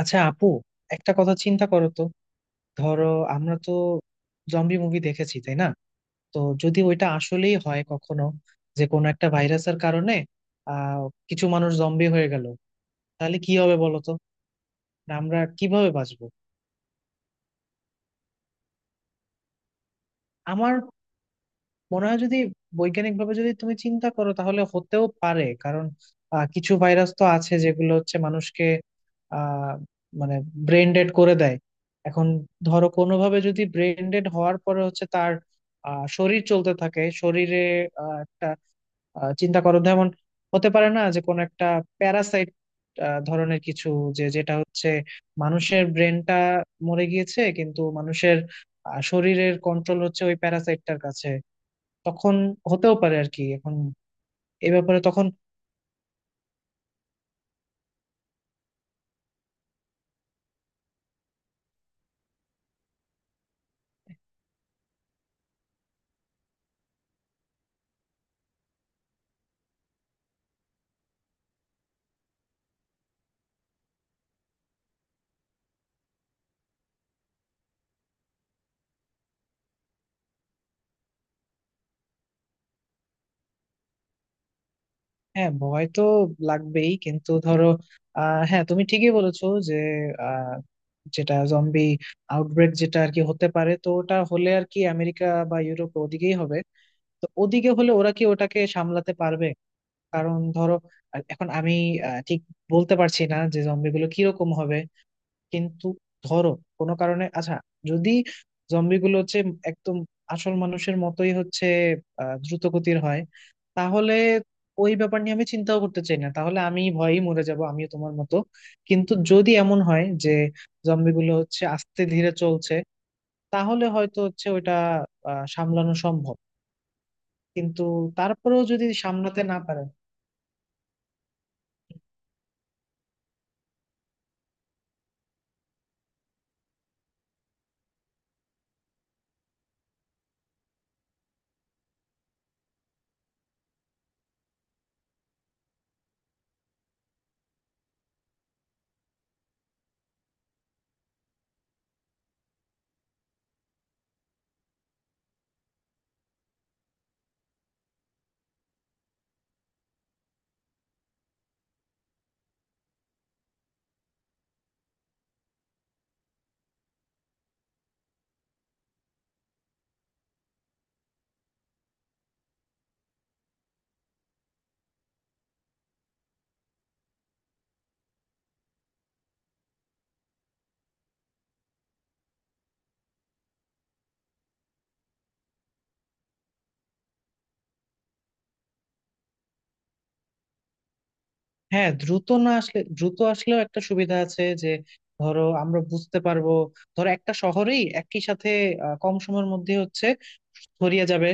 আচ্ছা আপু, একটা কথা চিন্তা করো তো। ধরো আমরা তো জম্বি মুভি দেখেছি, তাই না? তো যদি ওইটা আসলেই হয় কখনো, যে কোনো একটা ভাইরাসের কারণে আহ কিছু মানুষ জম্বি হয়ে গেল, তাহলে কি হবে বলো তো? আমরা কিভাবে বাঁচবো? আমার মনে হয় যদি বৈজ্ঞানিক ভাবে যদি তুমি চিন্তা করো তাহলে হতেও পারে, কারণ কিছু ভাইরাস তো আছে যেগুলো হচ্ছে মানুষকে আহ মানে ব্রেন ডেড করে দেয়। এখন ধরো কোনোভাবে যদি ব্রেন ডেড হওয়ার পরে হচ্ছে তার শরীর চলতে থাকে, শরীরে আহ, একটা চিন্তা করো, যেমন হতে পারে না যে কোনো একটা প্যারাসাইট ধরনের কিছু, যে যেটা হচ্ছে মানুষের ব্রেনটা মরে গিয়েছে কিন্তু মানুষের শরীরের কন্ট্রোল হচ্ছে ওই প্যারাসাইটটার কাছে। তখন হতেও পারে আর কি। এখন এ ব্যাপারে তখন হ্যাঁ, ভয় তো লাগবেই কিন্তু ধরো, হ্যাঁ তুমি ঠিকই বলেছো যে আহ, যেটা জম্বি আউটব্রেক যেটা আর কি হতে পারে, তো ওটা হলে আর কি আমেরিকা বা ইউরোপ ওদিকেই হবে। তো ওদিকে হলে ওরা কি ওটাকে সামলাতে পারবে? কারণ ধরো, এখন আমি ঠিক বলতে পারছি না যে জম্বিগুলো কিরকম হবে। কিন্তু ধরো কোনো কারণে আচ্ছা, যদি জম্বিগুলো হচ্ছে একদম আসল মানুষের মতোই হচ্ছে দ্রুত গতির হয়, তাহলে ওই ব্যাপার নিয়ে আমি চিন্তাও করতে চাই না, তাহলে আমি ভয়েই মরে যাব আমিও তোমার মতো। কিন্তু যদি এমন হয় যে জম্বিগুলো হচ্ছে আস্তে ধীরে চলছে, তাহলে হয়তো হচ্ছে ওইটা সামলানো সম্ভব। কিন্তু তারপরেও যদি সামলাতে না পারে, হ্যাঁ দ্রুত না আসলে দ্রুত আসলেও একটা সুবিধা আছে যে ধরো আমরা বুঝতে পারবো, ধরো একটা শহরেই একই সাথে কম সময়ের মধ্যে হচ্ছে ছড়িয়ে যাবে।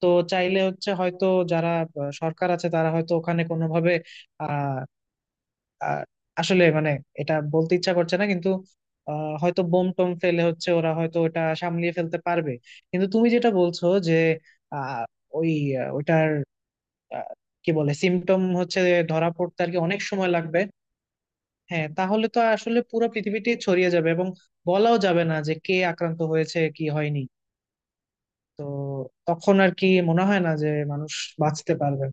তো চাইলে হচ্ছে হয়তো যারা সরকার আছে তারা হয়তো ওখানে কোনোভাবে আহ আহ, আসলে মানে এটা বলতে ইচ্ছা করছে না কিন্তু হয়তো বোম টোম ফেলে হচ্ছে ওরা হয়তো ওটা সামলিয়ে ফেলতে পারবে। কিন্তু তুমি যেটা বলছো যে আহ ওই ওইটার আহ, কি বলে সিমটম হচ্ছে ধরা পড়তে আর কি অনেক সময় লাগবে। হ্যাঁ তাহলে তো আসলে পুরো পৃথিবীটি ছড়িয়ে যাবে, এবং বলাও যাবে না যে কে আক্রান্ত হয়েছে কি হয়নি। তো তখন আর কি মনে হয় না যে মানুষ বাঁচতে পারবে।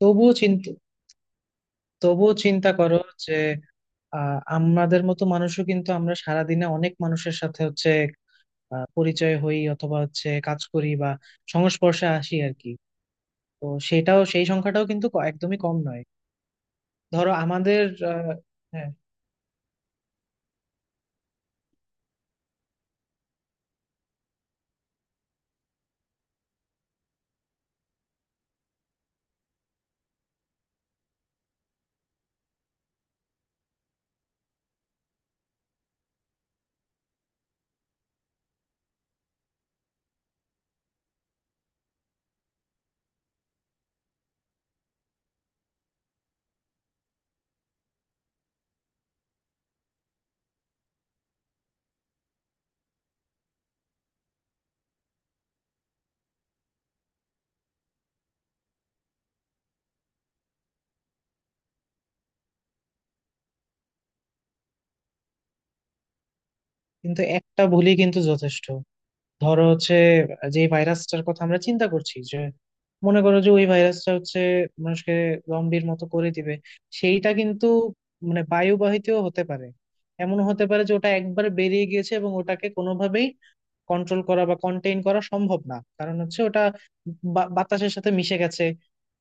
তবুও চিন্তা করো যে আমাদের মতো মানুষও কিন্তু আমরা সারাদিনে অনেক মানুষের সাথে হচ্ছে পরিচয় হই অথবা হচ্ছে কাজ করি বা সংস্পর্শে আসি আর কি। তো সেটাও সেই সংখ্যাটাও কিন্তু একদমই কম নয়। ধরো আমাদের আহ, হ্যাঁ। কিন্তু একটা ভুলই কিন্তু যথেষ্ট। ধরো হচ্ছে, যে ভাইরাসটার কথা আমরা চিন্তা করছি, যে মনে করো যে ওই ভাইরাসটা হচ্ছে মানুষকে জম্বির মতো করে দিবে, সেইটা কিন্তু মানে বায়ুবাহিতও হতে পারে। এমন হতে পারে যে ওটা একবার বেরিয়ে গিয়েছে এবং ওটাকে কোনোভাবেই কন্ট্রোল করা বা কন্টেইন করা সম্ভব না, কারণ হচ্ছে ওটা বাতাসের সাথে মিশে গেছে।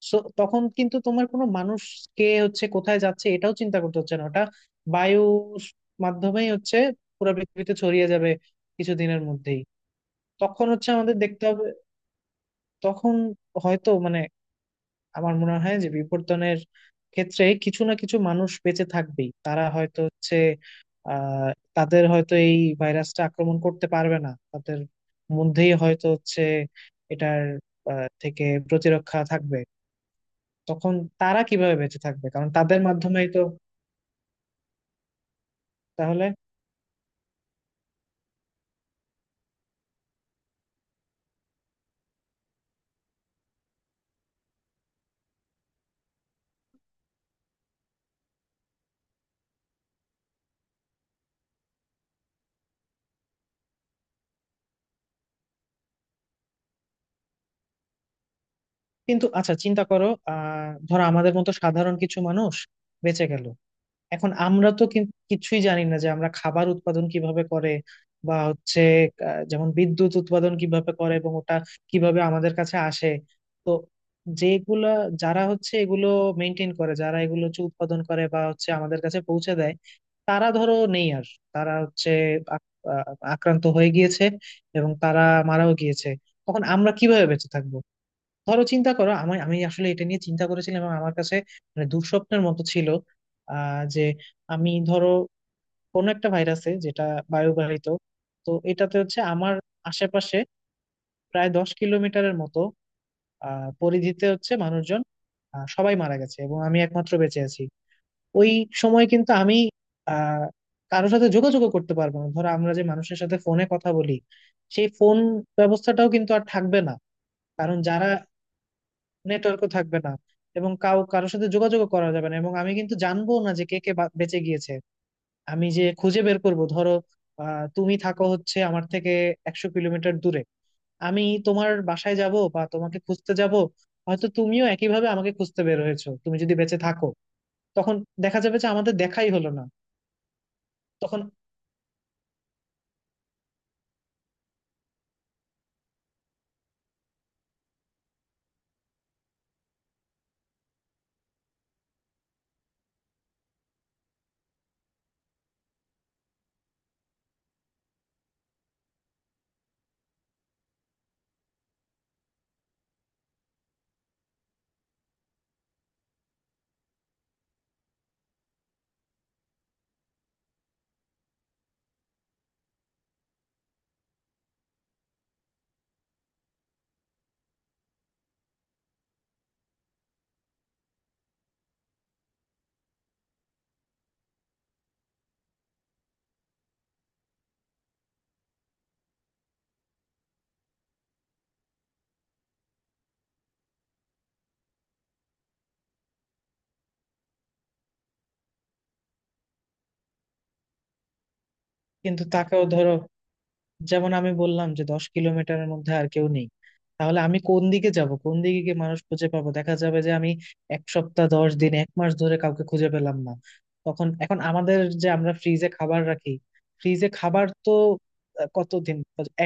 সো তখন কিন্তু তোমার কোনো মানুষ কে হচ্ছে কোথায় যাচ্ছে এটাও চিন্তা করতে হচ্ছে না, ওটা বায়ু মাধ্যমেই হচ্ছে পুরো পৃথিবীতে ছড়িয়ে যাবে কিছুদিনের মধ্যেই। তখন হচ্ছে আমাদের দেখতে হবে, তখন হয়তো মানে আমার মনে হয় যে বিবর্তনের ক্ষেত্রে কিছু না কিছু মানুষ বেঁচে থাকবেই, তারা হয়তো হচ্ছে আহ তাদের হয়তো এই ভাইরাসটা আক্রমণ করতে পারবে না, তাদের মধ্যেই হয়তো হচ্ছে এটার থেকে প্রতিরক্ষা থাকবে। তখন তারা কিভাবে বেঁচে থাকবে, কারণ তাদের মাধ্যমেই তো তাহলে। কিন্তু আচ্ছা চিন্তা করো, আহ ধরো আমাদের মতো সাধারণ কিছু মানুষ বেঁচে গেল, এখন আমরা তো কিন্তু কিছুই জানি না যে আমরা খাবার উৎপাদন কিভাবে করে বা হচ্ছে যেমন বিদ্যুৎ উৎপাদন কিভাবে করে এবং ওটা কিভাবে আমাদের কাছে আসে। তো যেগুলা যারা হচ্ছে এগুলো মেনটেন করে, যারা এগুলো হচ্ছে উৎপাদন করে বা হচ্ছে আমাদের কাছে পৌঁছে দেয়, তারা ধরো নেই আর, তারা হচ্ছে আক- আহ, আক্রান্ত হয়ে গিয়েছে এবং তারা মারাও গিয়েছে। তখন আমরা কিভাবে বেঁচে থাকবো? ধরো চিন্তা করো, আমি আমি আসলে এটা নিয়ে চিন্তা করেছিলাম এবং আমার কাছে মানে দুঃস্বপ্নের মতো ছিল। যে আমি ধরো কোন একটা ভাইরাসে যেটা বায়ুবাহিত, তো এটাতে হচ্ছে আমার আশেপাশে প্রায় 10 কিলোমিটারের মতো পরিধিতে হচ্ছে মানুষজন সবাই মারা গেছে এবং আমি একমাত্র বেঁচে আছি। ওই সময় কিন্তু আমি আহ কারোর সাথে যোগাযোগও করতে পারবো না, ধরো আমরা যে মানুষের সাথে ফোনে কথা বলি, সেই ফোন ব্যবস্থাটাও কিন্তু আর থাকবে না। কারণ যারা নেটওয়ার্কও থাকবে না, এবং কারোর সাথে যোগাযোগ করা যাবে না, এবং আমি কিন্তু জানবো না যে কে কে বেঁচে গিয়েছে। আমি যে খুঁজে বের করব, ধরো তুমি থাকো হচ্ছে আমার থেকে 100 কিলোমিটার দূরে, আমি তোমার বাসায় যাব বা তোমাকে খুঁজতে যাব, হয়তো তুমিও একইভাবে আমাকে খুঁজতে বের হয়েছো তুমি যদি বেঁচে থাকো, তখন দেখা যাবে যে আমাদের দেখাই হলো না। তখন কিন্তু তাকেও ধরো, যেমন আমি বললাম যে 10 কিলোমিটারের মধ্যে আর কেউ নেই, তাহলে আমি কোন দিকে যাব, কোন দিকে গিয়ে মানুষ খুঁজে পাবো? দেখা যাবে যে আমি এক সপ্তাহ, 10 দিন, এক মাস ধরে কাউকে খুঁজে পেলাম না। তখন এখন আমাদের যে আমরা ফ্রিজে খাবার রাখি, ফ্রিজে খাবার তো কতদিন,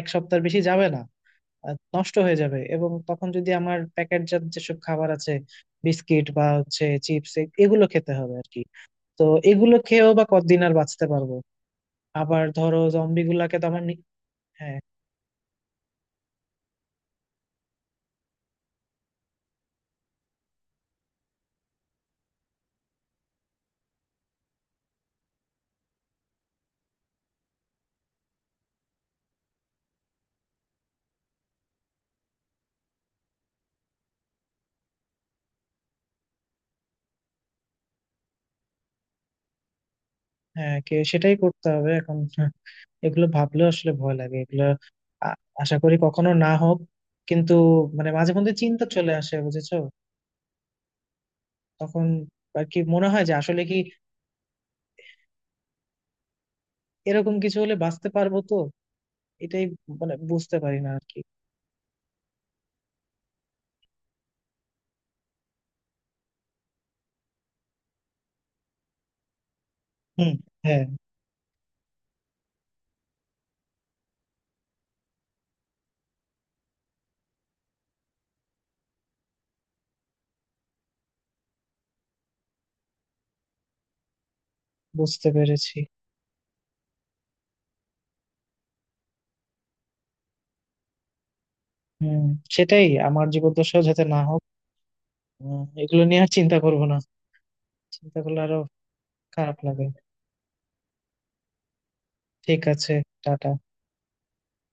এক সপ্তাহ বেশি যাবে না, নষ্ট হয়ে যাবে। এবং তখন যদি আমার প্যাকেটজাত যেসব খাবার আছে, বিস্কিট বা হচ্ছে চিপস, এগুলো খেতে হবে আর কি। তো এগুলো খেয়েও বা কতদিন আর বাঁচতে পারবো? আবার ধরো জম্বি গুলাকে তো আমার হ্যাঁ। হ্যাঁ, কে সেটাই করতে হবে এখন। হ্যাঁ, এগুলো ভাবলেও আসলে ভয় লাগে এগুলো। আ- আশা করি কখনো না হোক, কিন্তু মানে মাঝে মধ্যে চিন্তা চলে আসে, বুঝেছো? তখন আর কি মনে হয় যে আসলে কি এরকম কিছু হলে বাঁচতে পারবো তো? এটাই মানে বুঝতে পারি না আর কি। হুম। হ্যাঁ, বুঝতে পেরেছি। হুম। সেটাই, আমার জীবদ্দশাও যাতে না হোক। এগুলো নিয়ে আর চিন্তা করবো না। চিন্তা করলে আরো খারাপ লাগে। ঠিক আছে, টাটা।